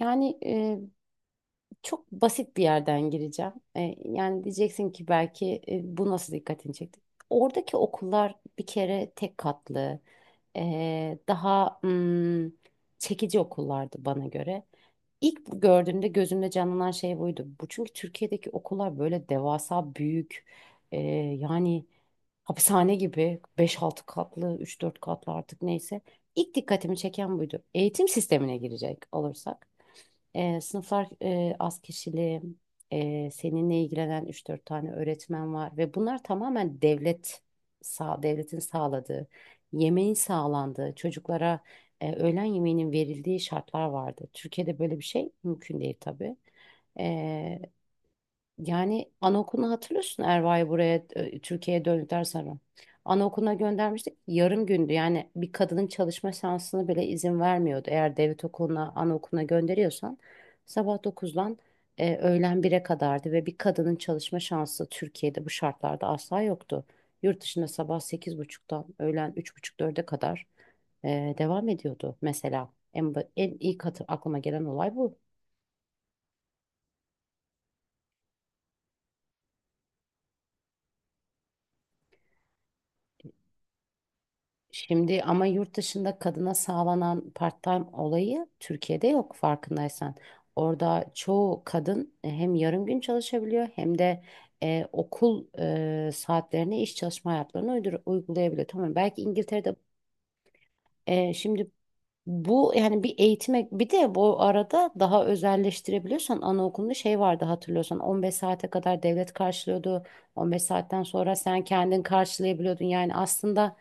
Yani çok basit bir yerden gireceğim. Yani diyeceksin ki belki bu nasıl dikkatini çekti? Oradaki okullar bir kere tek katlı, daha çekici okullardı bana göre. İlk bu gördüğümde gözümde canlanan şey buydu. Bu çünkü Türkiye'deki okullar böyle devasa büyük e, yani hapishane gibi beş altı katlı üç dört katlı artık neyse. İlk dikkatimi çeken buydu. Eğitim sistemine girecek olursak. Sınıflar az kişili, seninle ilgilenen üç dört tane öğretmen var ve bunlar tamamen devletin sağladığı, yemeğin sağlandığı, çocuklara öğlen yemeğinin verildiği şartlar vardı. Türkiye'de böyle bir şey mümkün değil tabii. E, Yani anaokulunu hatırlıyorsun Erva'yı buraya Türkiye'ye döndükten sonra. Anaokuluna göndermiştik. Yarım gündü. Yani bir kadının çalışma şansını bile izin vermiyordu. Eğer devlet okuluna, anaokuluna gönderiyorsan sabah dokuzdan öğlen bire kadardı ve bir kadının çalışma şansı Türkiye'de bu şartlarda asla yoktu. Yurt dışında sabah sekiz buçuktan öğlen üç buçuk dörde kadar devam ediyordu mesela. En ilk aklıma gelen olay bu. Şimdi ama yurt dışında kadına sağlanan part-time olayı Türkiye'de yok farkındaysan. Orada çoğu kadın hem yarım gün çalışabiliyor hem de okul saatlerine iş çalışma hayatlarını uygulayabiliyor. Tamam belki İngiltere'de şimdi bu yani bir eğitime bir de bu arada daha özelleştirebiliyorsan anaokulunda şey vardı hatırlıyorsan 15 saate kadar devlet karşılıyordu. 15 saatten sonra sen kendin karşılayabiliyordun. Yani aslında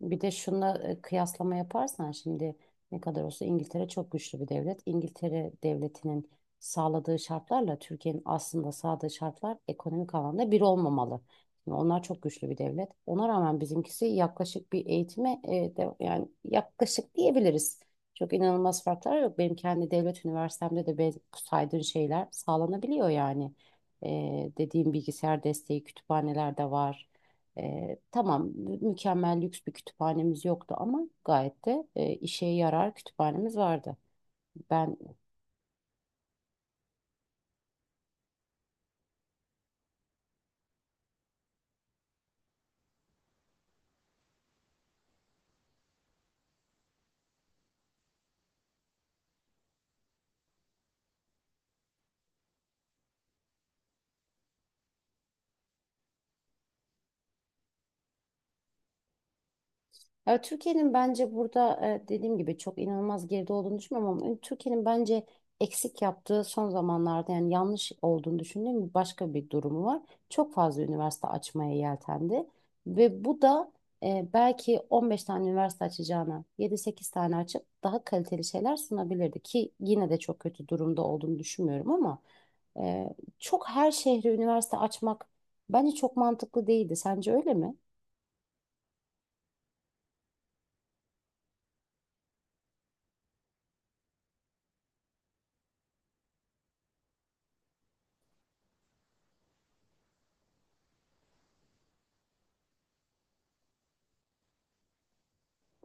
bir de şuna kıyaslama yaparsan şimdi ne kadar olsa İngiltere çok güçlü bir devlet. İngiltere devletinin sağladığı şartlarla Türkiye'nin aslında sağladığı şartlar ekonomik alanda bir olmamalı. Şimdi onlar çok güçlü bir devlet. Ona rağmen bizimkisi yaklaşık bir eğitime yani yaklaşık diyebiliriz. Çok inanılmaz farklar yok. Benim kendi devlet üniversitemde de saydığın şeyler sağlanabiliyor yani. Dediğim bilgisayar desteği kütüphaneler de var. Tamam mükemmel lüks bir kütüphanemiz yoktu ama gayet de işe yarar kütüphanemiz vardı. Ben Ya Türkiye'nin bence burada dediğim gibi çok inanılmaz geride olduğunu düşünmüyorum ama Türkiye'nin bence eksik yaptığı son zamanlarda yani yanlış olduğunu düşündüğüm başka bir durumu var. Çok fazla üniversite açmaya yeltendi ve bu da belki 15 tane üniversite açacağına yedi sekiz tane açıp daha kaliteli şeyler sunabilirdi ki yine de çok kötü durumda olduğunu düşünmüyorum ama e, çok her şehre üniversite açmak bence çok mantıklı değildi. Sence öyle mi?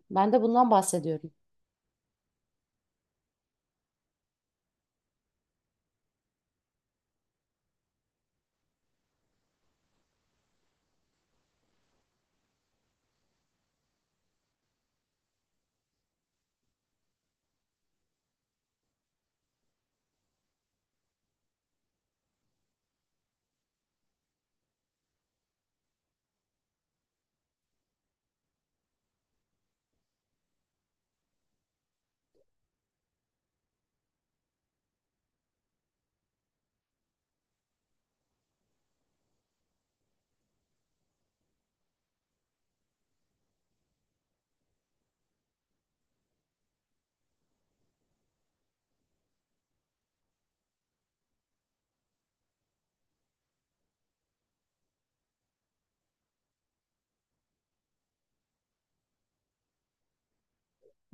Ben de bundan bahsediyorum.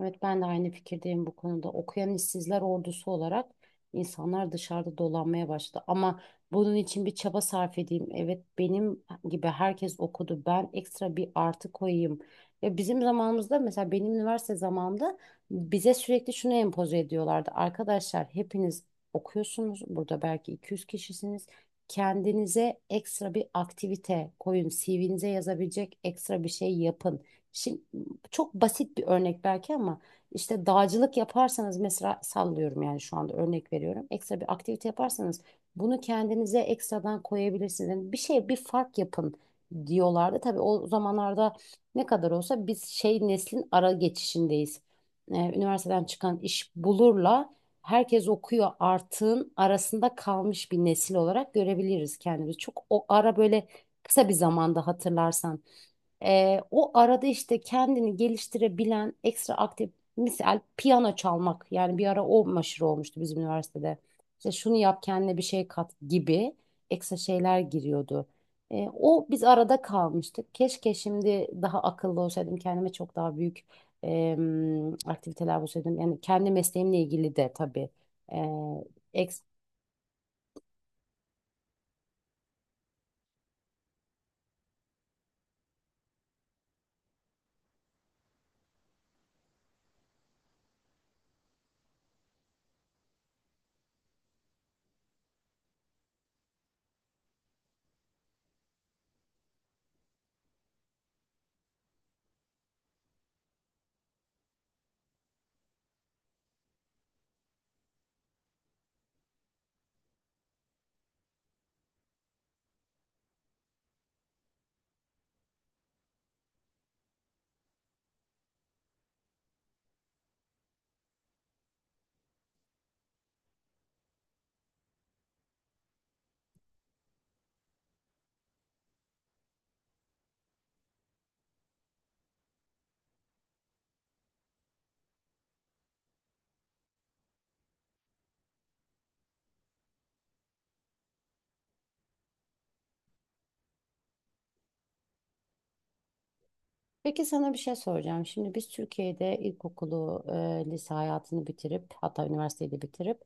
Evet ben de aynı fikirdeyim bu konuda. Okuyan işsizler ordusu olarak insanlar dışarıda dolanmaya başladı. Ama bunun için bir çaba sarf edeyim. Evet benim gibi herkes okudu. Ben ekstra bir artı koyayım. Ya bizim zamanımızda mesela benim üniversite zamanımda bize sürekli şunu empoze ediyorlardı. Arkadaşlar hepiniz okuyorsunuz. Burada belki 200 kişisiniz. Kendinize ekstra bir aktivite koyun. CV'nize yazabilecek ekstra bir şey yapın. Şimdi çok basit bir örnek belki ama işte dağcılık yaparsanız mesela sallıyorum yani şu anda örnek veriyorum. Ekstra bir aktivite yaparsanız bunu kendinize ekstradan koyabilirsiniz. Yani bir şey bir fark yapın diyorlardı. Tabii o zamanlarda ne kadar olsa biz şey neslin ara geçişindeyiz. Üniversiteden çıkan iş bulurla herkes okuyor artığın arasında kalmış bir nesil olarak görebiliriz kendimizi. Çok o ara böyle kısa bir zamanda hatırlarsan. O arada işte kendini geliştirebilen ekstra aktif misal piyano çalmak yani bir ara o meşhur olmuştu bizim üniversitede. İşte şunu yap kendine bir şey kat gibi ekstra şeyler giriyordu. O biz arada kalmıştık. Keşke şimdi daha akıllı olsaydım kendime çok daha büyük aktiviteler bulsaydım. Yani kendi mesleğimle ilgili de tabii e, Peki sana bir şey soracağım. Şimdi biz Türkiye'de ilkokulu, lise hayatını bitirip hatta üniversiteyi de bitirip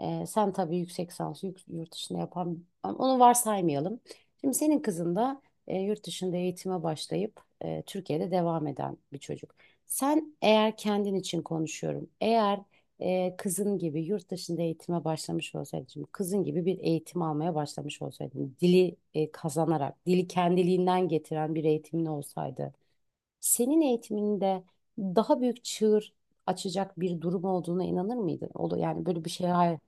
sen tabii yüksek lisansı yurt dışında yapan ama onu varsaymayalım. Şimdi senin kızın da yurt dışında eğitime başlayıp Türkiye'de devam eden bir çocuk. Sen eğer kendin için konuşuyorum. Eğer kızın gibi yurt dışında eğitime başlamış olsaydın, şimdi kızın gibi bir eğitim almaya başlamış olsaydın, dili kazanarak, dili kendiliğinden getiren bir eğitimin olsaydı senin eğitiminde daha büyük çığır açacak bir durum olduğuna inanır mıydın? O da yani böyle bir şey hayır,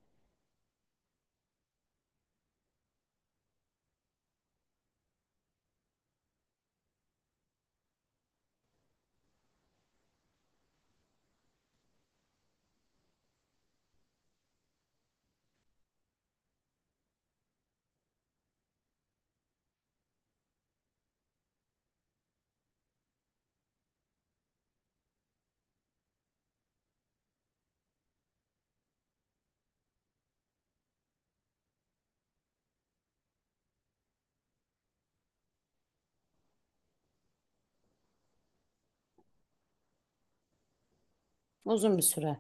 uzun bir süre.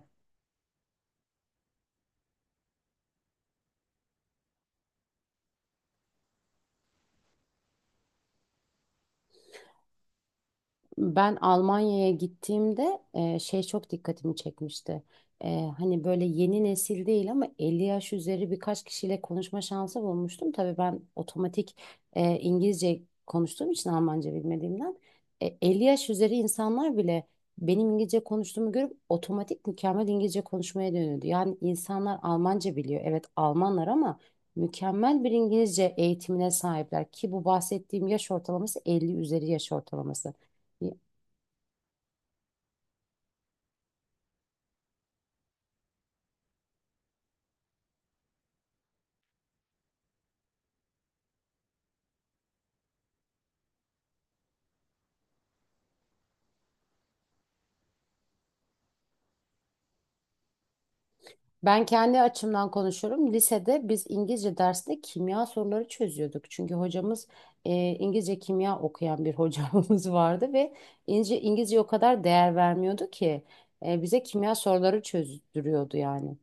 Ben Almanya'ya gittiğimde şey çok dikkatimi çekmişti. E, Hani böyle yeni nesil değil ama 50 yaş üzeri birkaç kişiyle konuşma şansı bulmuştum. Tabii ben otomatik İngilizce konuştuğum için Almanca bilmediğimden 50 yaş üzeri insanlar bile benim İngilizce konuştuğumu görüp otomatik mükemmel İngilizce konuşmaya dönüyordu. Yani insanlar Almanca biliyor. Evet Almanlar ama mükemmel bir İngilizce eğitimine sahipler ki bu bahsettiğim yaş ortalaması 50 üzeri yaş ortalaması. Ben kendi açımdan konuşuyorum. Lisede biz İngilizce dersinde kimya soruları çözüyorduk. Çünkü hocamız İngilizce kimya okuyan bir hocamız vardı ve İngilizce, İngilizce o kadar değer vermiyordu ki bize kimya soruları çözdürüyordu yani.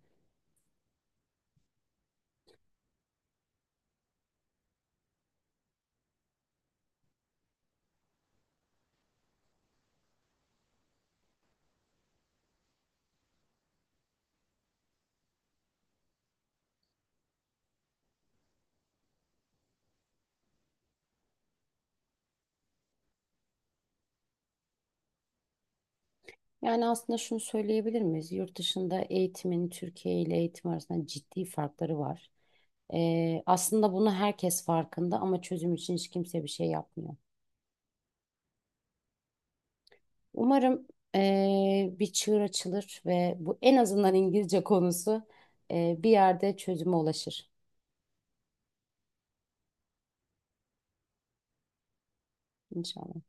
Yani aslında şunu söyleyebilir miyiz? Yurt dışında eğitimin Türkiye ile eğitim arasında ciddi farkları var. Aslında bunu herkes farkında ama çözüm için hiç kimse bir şey yapmıyor. Umarım bir çığır açılır ve bu en azından İngilizce konusu bir yerde çözüme ulaşır. İnşallah.